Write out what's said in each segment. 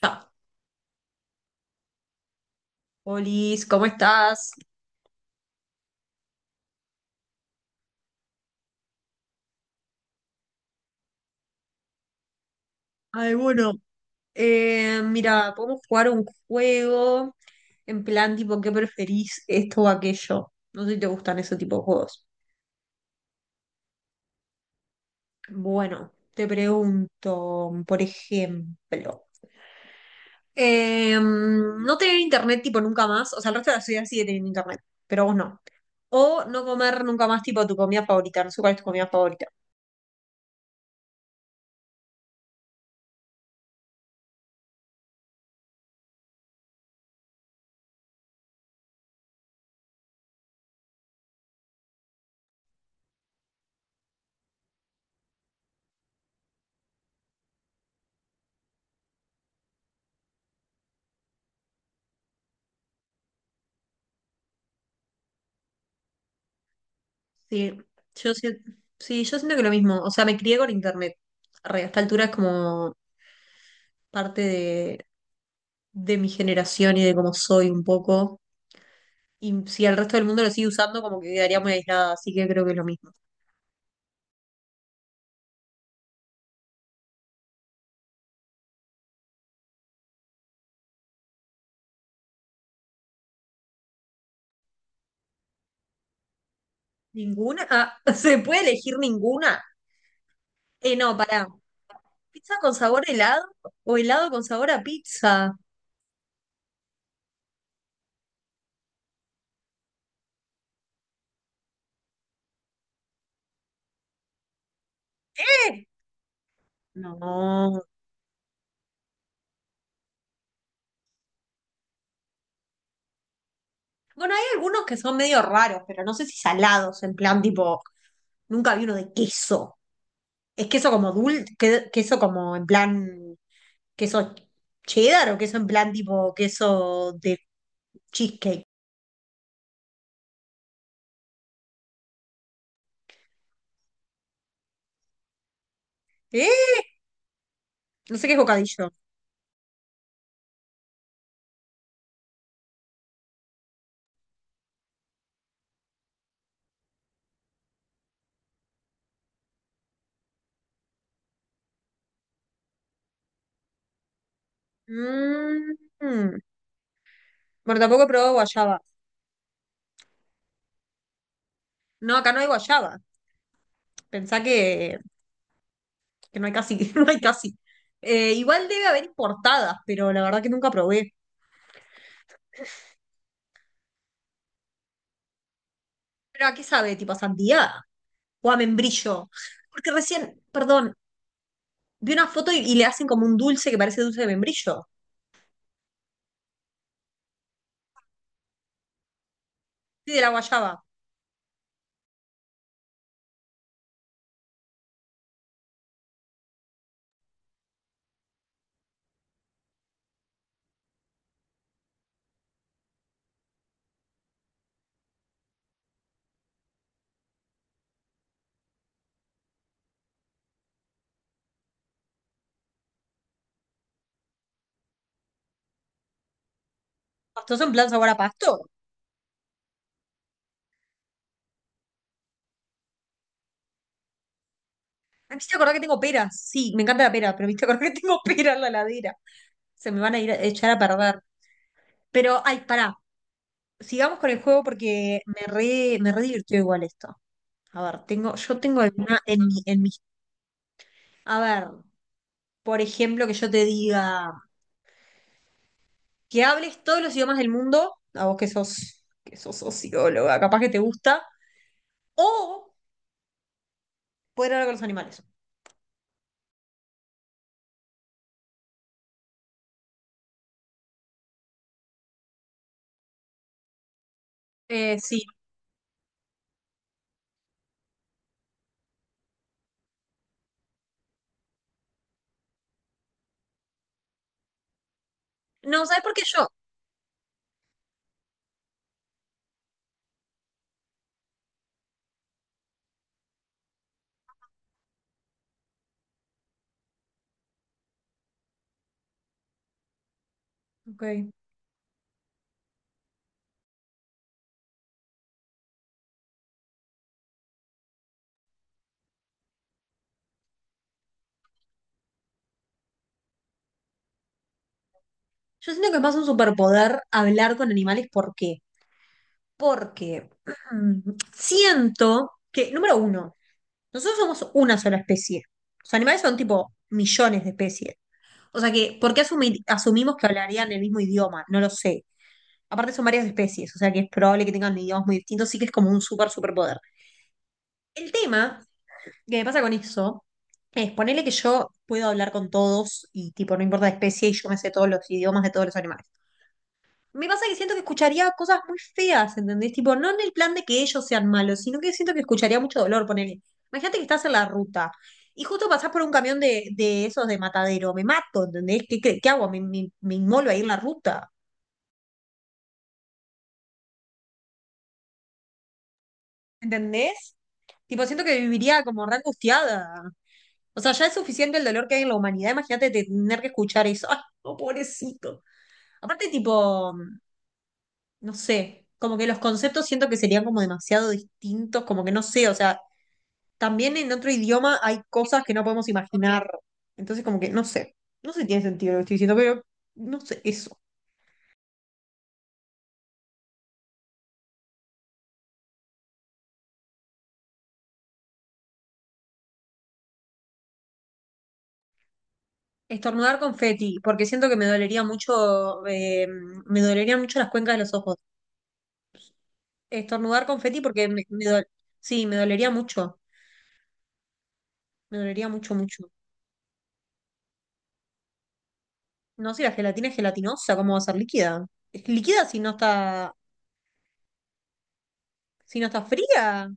Ta. Olis, ¿cómo estás? Ay, bueno, mira, podemos jugar un juego en plan tipo, ¿qué preferís esto o aquello? No sé si te gustan ese tipo de juegos. Bueno, te pregunto, por ejemplo, no tener internet tipo nunca más, o sea, el resto de la ciudad sigue teniendo internet, pero vos no. O no comer nunca más tipo tu comida favorita, no sé cuál es tu comida favorita. Sí, yo, si- sí, yo siento que lo mismo. O sea, me crié con internet. Re, a esta altura es como parte de mi generación y de cómo soy un poco. Y si el resto del mundo lo sigue usando, como que quedaría muy aislada. Así que creo que es lo mismo. ¿Ninguna? Ah, ¿se puede elegir ninguna? No, pará. ¿Pizza con sabor a helado o helado con sabor a pizza? ¿Eh? No. Bueno, hay algunos que son medio raros, pero no sé si salados, en plan tipo, nunca vi uno de queso. ¿Es queso como dulce? ¿Queso como en plan queso cheddar o queso en plan tipo queso de cheesecake? ¿Eh? No sé qué es bocadillo. Mm, Bueno, tampoco he probado guayaba. No, acá no hay guayaba. Pensá que, no hay casi, no hay casi. Igual debe haber importadas, pero la verdad que nunca probé. ¿Pero a qué sabe? ¿Tipo a sandía? O a membrillo. Porque recién, perdón, vi una foto y le hacen como un dulce que parece dulce de membrillo. Sí, de la guayaba. Pastoso en plan sabor a pasto. Ay, me hiciste acordar que tengo peras. Sí, me encanta la pera, pero me hiciste acordar que tengo pera en la heladera. Se me van a ir a echar a perder. Pero, ay, pará. Sigamos con el juego porque me re divirtió igual esto. A ver, yo tengo alguna en mi. A ver, por ejemplo, que yo te diga, que hables todos los idiomas del mundo, a vos que sos socióloga, capaz que te gusta, o poder hablar con los animales. Sí. No, ¿sabes por qué yo? Ok. Yo siento que es más un superpoder hablar con animales. ¿Por qué? Porque siento que, número uno, nosotros somos una sola especie. Los animales son tipo millones de especies. O sea que, ¿por qué asumimos que hablarían el mismo idioma? No lo sé. Aparte son varias especies, o sea que es probable que tengan idiomas muy distintos, sí que es como un super superpoder. El tema que me pasa con eso es ponerle que yo puedo hablar con todos y tipo, no importa la especie y yo me sé todos los idiomas de todos los animales. Me pasa que siento que escucharía cosas muy feas, ¿entendés? Tipo, no en el plan de que ellos sean malos, sino que siento que escucharía mucho dolor, ponele. Imagínate que estás en la ruta y justo pasás por un camión de esos de matadero. Me mato, ¿entendés? ¿Qué hago? Me inmolo ahí en la ruta, ¿entendés? Tipo, siento que viviría como re angustiada. O sea, ya es suficiente el dolor que hay en la humanidad. Imagínate tener que escuchar eso. ¡Ay, no, pobrecito! Aparte, tipo, no sé, como que los conceptos siento que serían como demasiado distintos, como que no sé, o sea, también en otro idioma hay cosas que no podemos imaginar. Entonces, como que no sé, no sé si tiene sentido lo que estoy diciendo, pero no sé, eso. Estornudar confeti, porque siento que me dolería mucho, me dolerían mucho las cuencas de los ojos. Estornudar confeti porque sí, me dolería mucho, mucho. No, si la gelatina es gelatinosa, ¿cómo va a ser líquida? Es líquida si no está fría.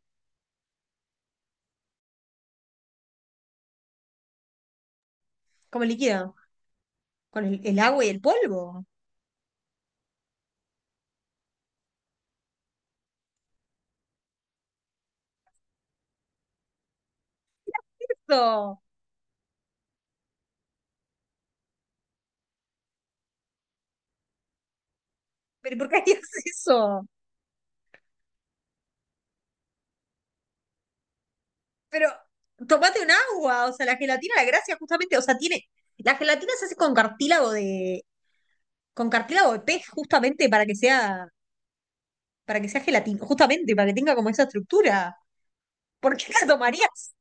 ¿Cómo es líquida? Con el agua y el polvo. Eso. ¿Pero por qué harías eso? Pero tomate un agua, o sea, la gelatina, la gracia justamente, o sea, tiene, la gelatina se hace con con cartílago de pez justamente para que sea, gelatina, justamente para que tenga como esa estructura. ¿Por qué la tomarías?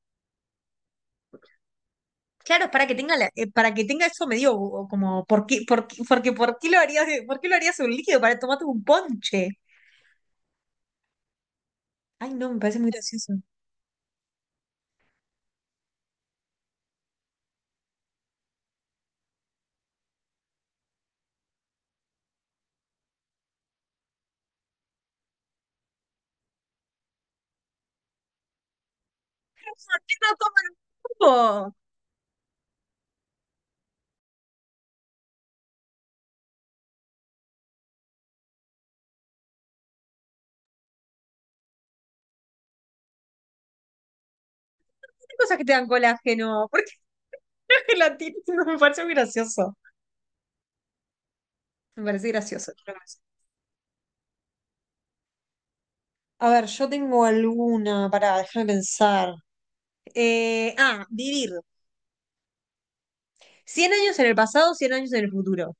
Claro, es para que tenga para que tenga eso medio, o como porque ¿por qué lo harías un líquido para tomarte un ponche? Ay, no, me parece muy gracioso. Pero, ¿por qué no toman un jugo? Hay cosas que te dan colágeno. ¿Por qué la gelatina? Me parece muy gracioso. Me parece gracioso, creo que sí. A ver, yo tengo alguna, para déjame pensar. Vivir. 100 años en el pasado, 100 años en el futuro.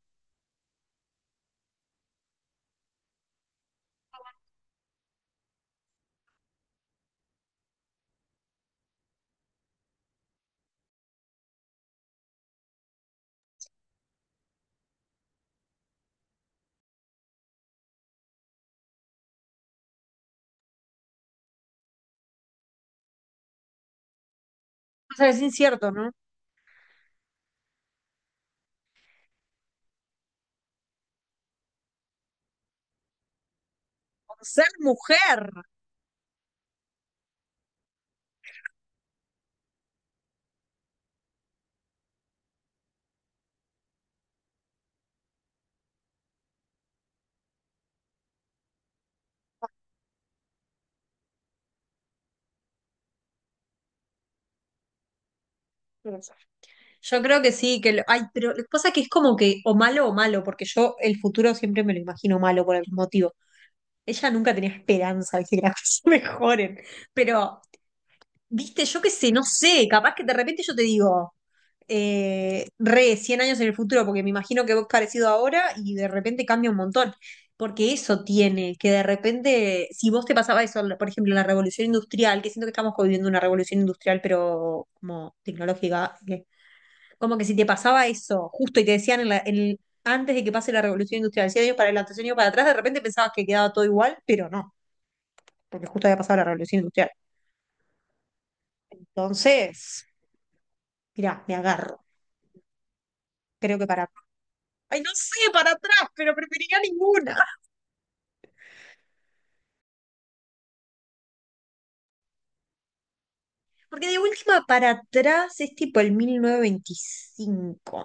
O sea, es incierto, ¿no? Ser mujer. Yo creo que sí, que pero lo que pasa es que es como que o malo, porque yo el futuro siempre me lo imagino malo por algún motivo. Ella nunca tenía esperanza de que las cosas mejoren, pero, viste, yo qué sé, no sé, capaz que de repente yo te digo, re 100 años en el futuro, porque me imagino que vos parecido ahora y de repente cambia un montón. Porque eso tiene, que de repente, si vos te pasaba eso, por ejemplo, en la revolución industrial, que siento que estamos viviendo una revolución industrial, pero como tecnológica, como que si te pasaba eso justo y te decían en la- en el- antes de que pase la revolución industrial, 100 años para adelante, 100 años para atrás, de repente pensabas que quedaba todo igual, pero no, porque justo había pasado la revolución industrial. Entonces, mirá, me agarro. Creo que para Ay, no sé, para atrás, pero preferiría ninguna. Porque de última para atrás es tipo el 1925.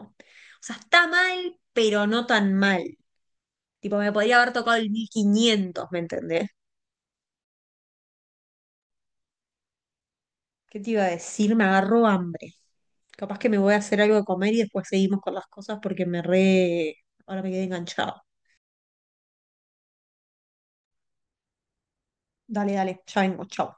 O sea, está mal, pero no tan mal. Tipo, me podría haber tocado el 1500, ¿me entendés? ¿Qué te iba a decir? Me agarró hambre. Capaz que me voy a hacer algo de comer y después seguimos con las cosas porque me re. Ahora me quedé enganchado. Dale, dale, ya vengo, chao.